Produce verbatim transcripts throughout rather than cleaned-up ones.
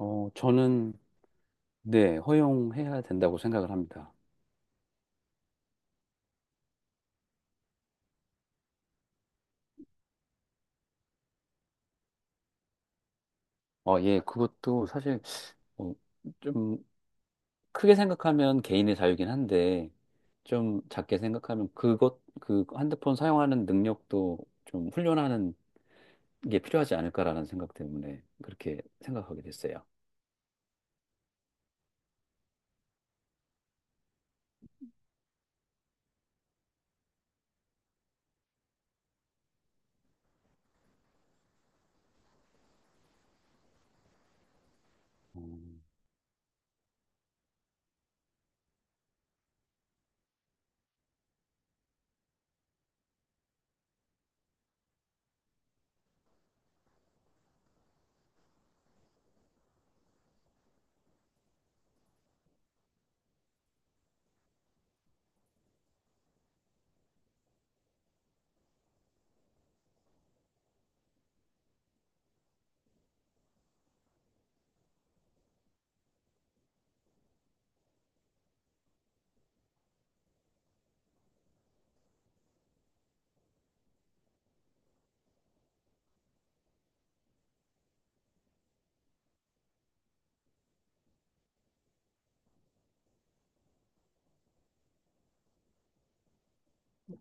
어, 저는, 네, 허용해야 된다고 생각을 합니다. 어, 예, 그것도 사실, 어, 좀, 크게 생각하면 개인의 자유긴 한데, 좀 작게 생각하면 그것, 그 핸드폰 사용하는 능력도 좀 훈련하는 게 필요하지 않을까라는 생각 때문에 그렇게 생각하게 됐어요. 음,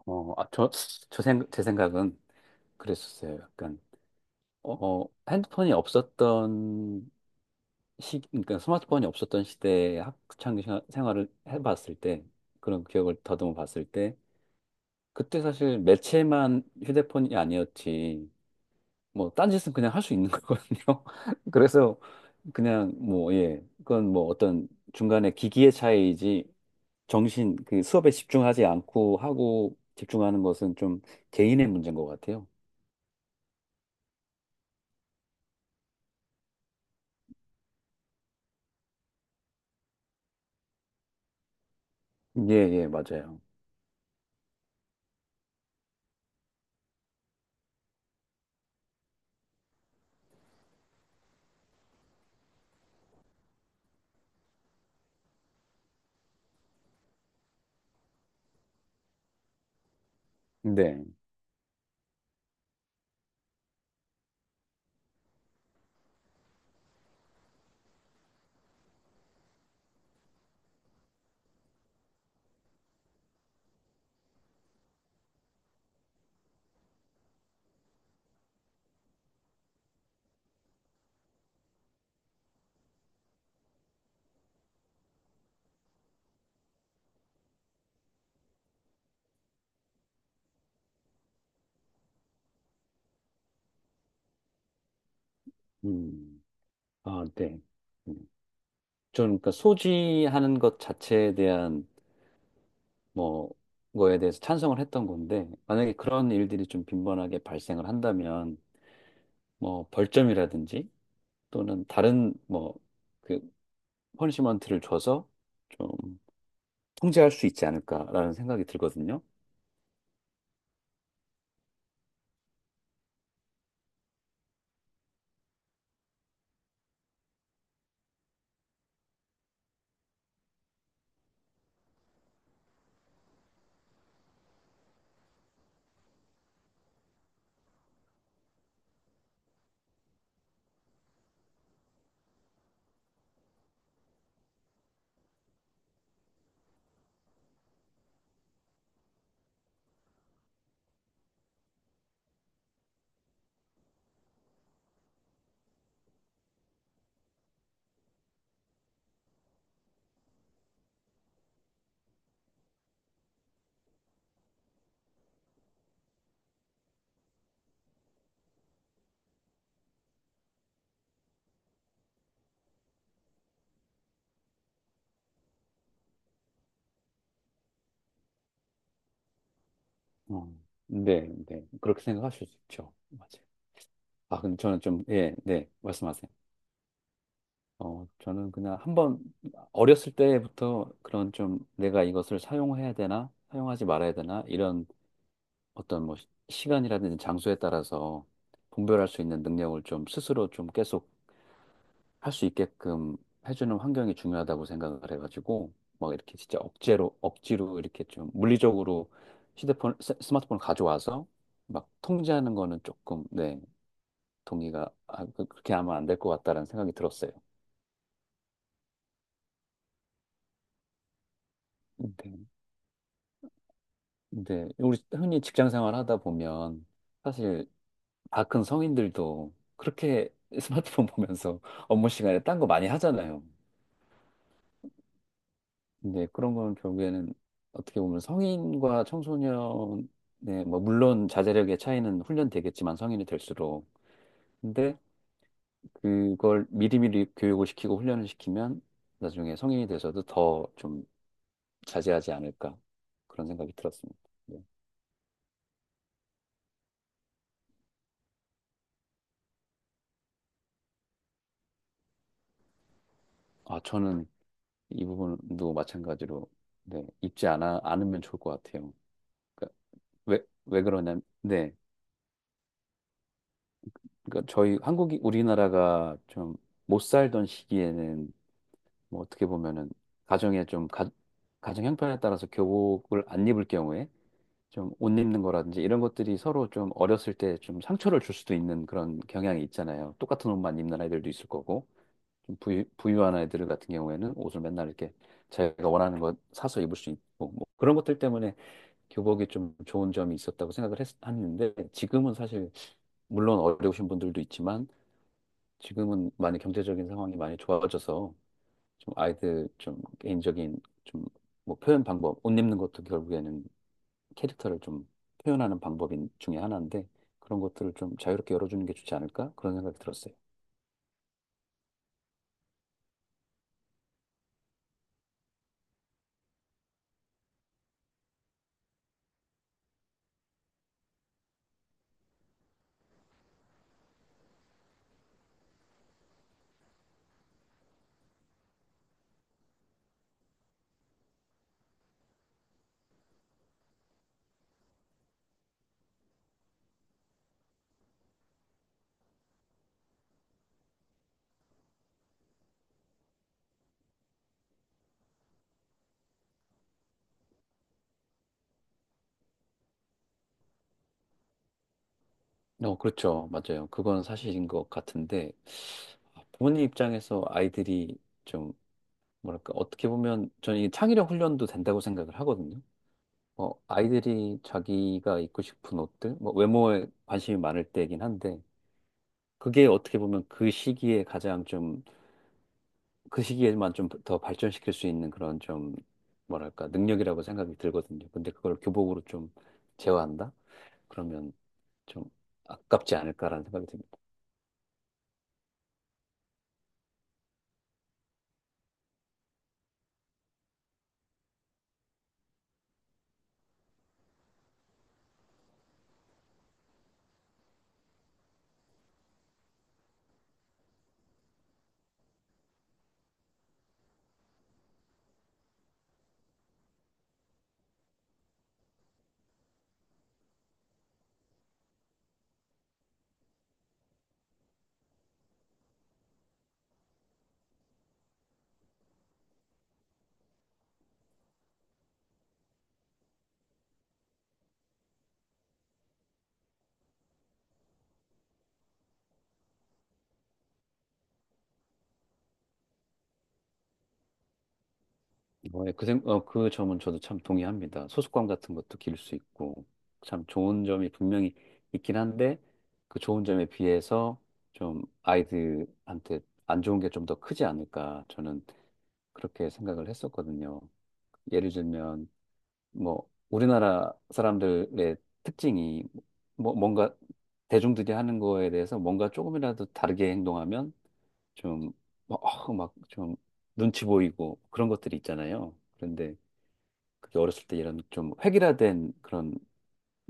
어, 아, 저, 저 생, 제 생각은 그랬었어요. 약간, 어, 어, 핸드폰이 없었던 시, 그러니까 스마트폰이 없었던 시대의 학창 시- 생활을 해봤을 때, 그런 기억을 더듬어 봤을 때, 그때 사실 매체만 휴대폰이 아니었지, 뭐, 딴짓은 그냥 할 수 있는 거거든요. 그래서 그냥 뭐, 예, 그건 뭐 어떤 중간에 기기의 차이이지, 정신, 그 수업에 집중하지 않고 하고 집중하는 것은 좀 개인의 문제인 것 같아요. 예, 예, 맞아요. 네. 음, 아, 네. 음. 저는 그러니까 소지하는 것 자체에 대한 뭐 거에 대해서 찬성을 했던 건데 만약에 그런 일들이 좀 빈번하게 발생을 한다면 뭐 벌점이라든지 또는 다른 뭐그 퍼니시먼트를 줘서 좀 통제할 수 있지 않을까라는 생각이 들거든요. 어. 네, 네. 그렇게 생각하실 수 있죠. 맞아요. 아, 근데 저는 좀, 예, 네, 말씀하세요. 어, 저는 그냥 한번 어렸을 때부터 그런 좀 내가 이것을 사용해야 되나, 사용하지 말아야 되나, 이런 어떤 뭐 시- 시간이라든지 장소에 따라서 분별할 수 있는 능력을 좀 스스로 좀 계속 할 수 있게끔 해주는 환경이 중요하다고 생각을 해가지고 막 이렇게 진짜 억제로 억지로 이렇게 좀 물리적으로 휴대폰 스- 스마트폰을 가져와서 막 통제하는 거는 조금 네 동의가 아, 그- 그렇게 하면 안 될 것 같다라는 생각이 들었어요. 근데 근데 우리 흔히 직장 생활 하다 보면 사실 다 큰 성인들도 그렇게 스마트폰 보면서 업무 시간에 딴 거 많이 하잖아요. 근데 그런 거는 결국에는 어떻게 보면 성인과 청소년의 뭐 물론 자제력의 차이는 훈련되겠지만 성인이 될수록 근데 그걸 미리미리 교육을 시키고 훈련을 시키면 나중에 성인이 돼서도 더 좀 자제하지 않을까 그런 생각이 들었습니다. 네. 아 저는 이 부분도 마찬가지로 네, 입지 않아 않으면 좋을 것 같아요. 그러니까 왜, 왜 그러냐면 네. 그러니까 저희 한국이 우리나라가 좀 못 살던 시기에는 뭐 어떻게 보면은 가정에 좀 가, 가정 형편에 따라서 교복을 안 입을 경우에 좀 옷 입는 거라든지 이런 것들이 서로 좀 어렸을 때 좀 상처를 줄 수도 있는 그런 경향이 있잖아요. 똑같은 옷만 입는 아이들도 있을 거고 좀 부유, 부유한 아이들 같은 경우에는 옷을 맨날 이렇게 자기가 원하는 것 사서 입을 수 있고 뭐 그런 것들 때문에 교복이 좀 좋은 점이 있었다고 생각을 했, 했는데 지금은 사실 물론 어려우신 분들도 있지만 지금은 많이 경제적인 상황이 많이 좋아져서 좀 아이들 좀 개인적인 좀 뭐 표현 방법, 옷 입는 것도 결국에는 캐릭터를 좀 표현하는 방법인 중에 하나인데 그런 것들을 좀 자유롭게 열어주는 게 좋지 않을까? 그런 생각이 들었어요. 어, 그렇죠. 맞아요. 그건 사실인 것 같은데 부모님 입장에서 아이들이 좀 뭐랄까 어떻게 보면 저는 이 창의력 훈련도 된다고 생각을 하거든요. 어, 아이들이 자기가 입고 싶은 옷들, 뭐 외모에 관심이 많을 때이긴 한데 그게 어떻게 보면 그 시기에 가장 좀, 그 시기에만 좀 더 발전시킬 수 있는 그런 좀, 뭐랄까, 능력이라고 생각이 들거든요. 근데 그걸 교복으로 좀 제어한다? 그러면 좀 아깝지 않을까라는 생각이 듭니다. 어, 예, 그, 생- 어, 그 점은 저도 참 동의합니다. 소속감 같은 것도 기를 수 있고, 참 좋은 점이 분명히 있긴 한데, 그 좋은 점에 비해서 좀 아이들한테 안 좋은 게 좀 더 크지 않을까, 저는 그렇게 생각을 했었거든요. 예를 들면, 뭐 우리나라 사람들의 특징이 뭐 뭔가 대중들이 하는 거에 대해서 뭔가 조금이라도 다르게 행동하면 좀 어, 어, 막좀 눈치 보이고 그런 것들이 있잖아요. 그런데 그게 어렸을 때 이런 좀 획일화된 그런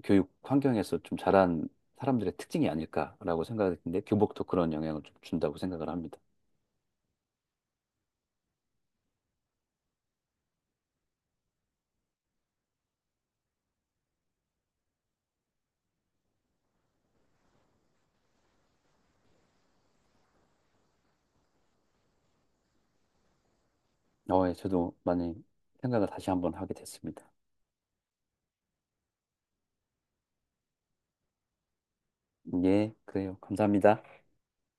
교육 환경에서 좀 자란 사람들의 특징이 아닐까라고 생각했는데 교복도 그런 영향을 좀 준다고 생각을 합니다. 어, 예, 저도 많이 생각을 다시 한번 하게 됐습니다. 예, 그래요. 감사합니다.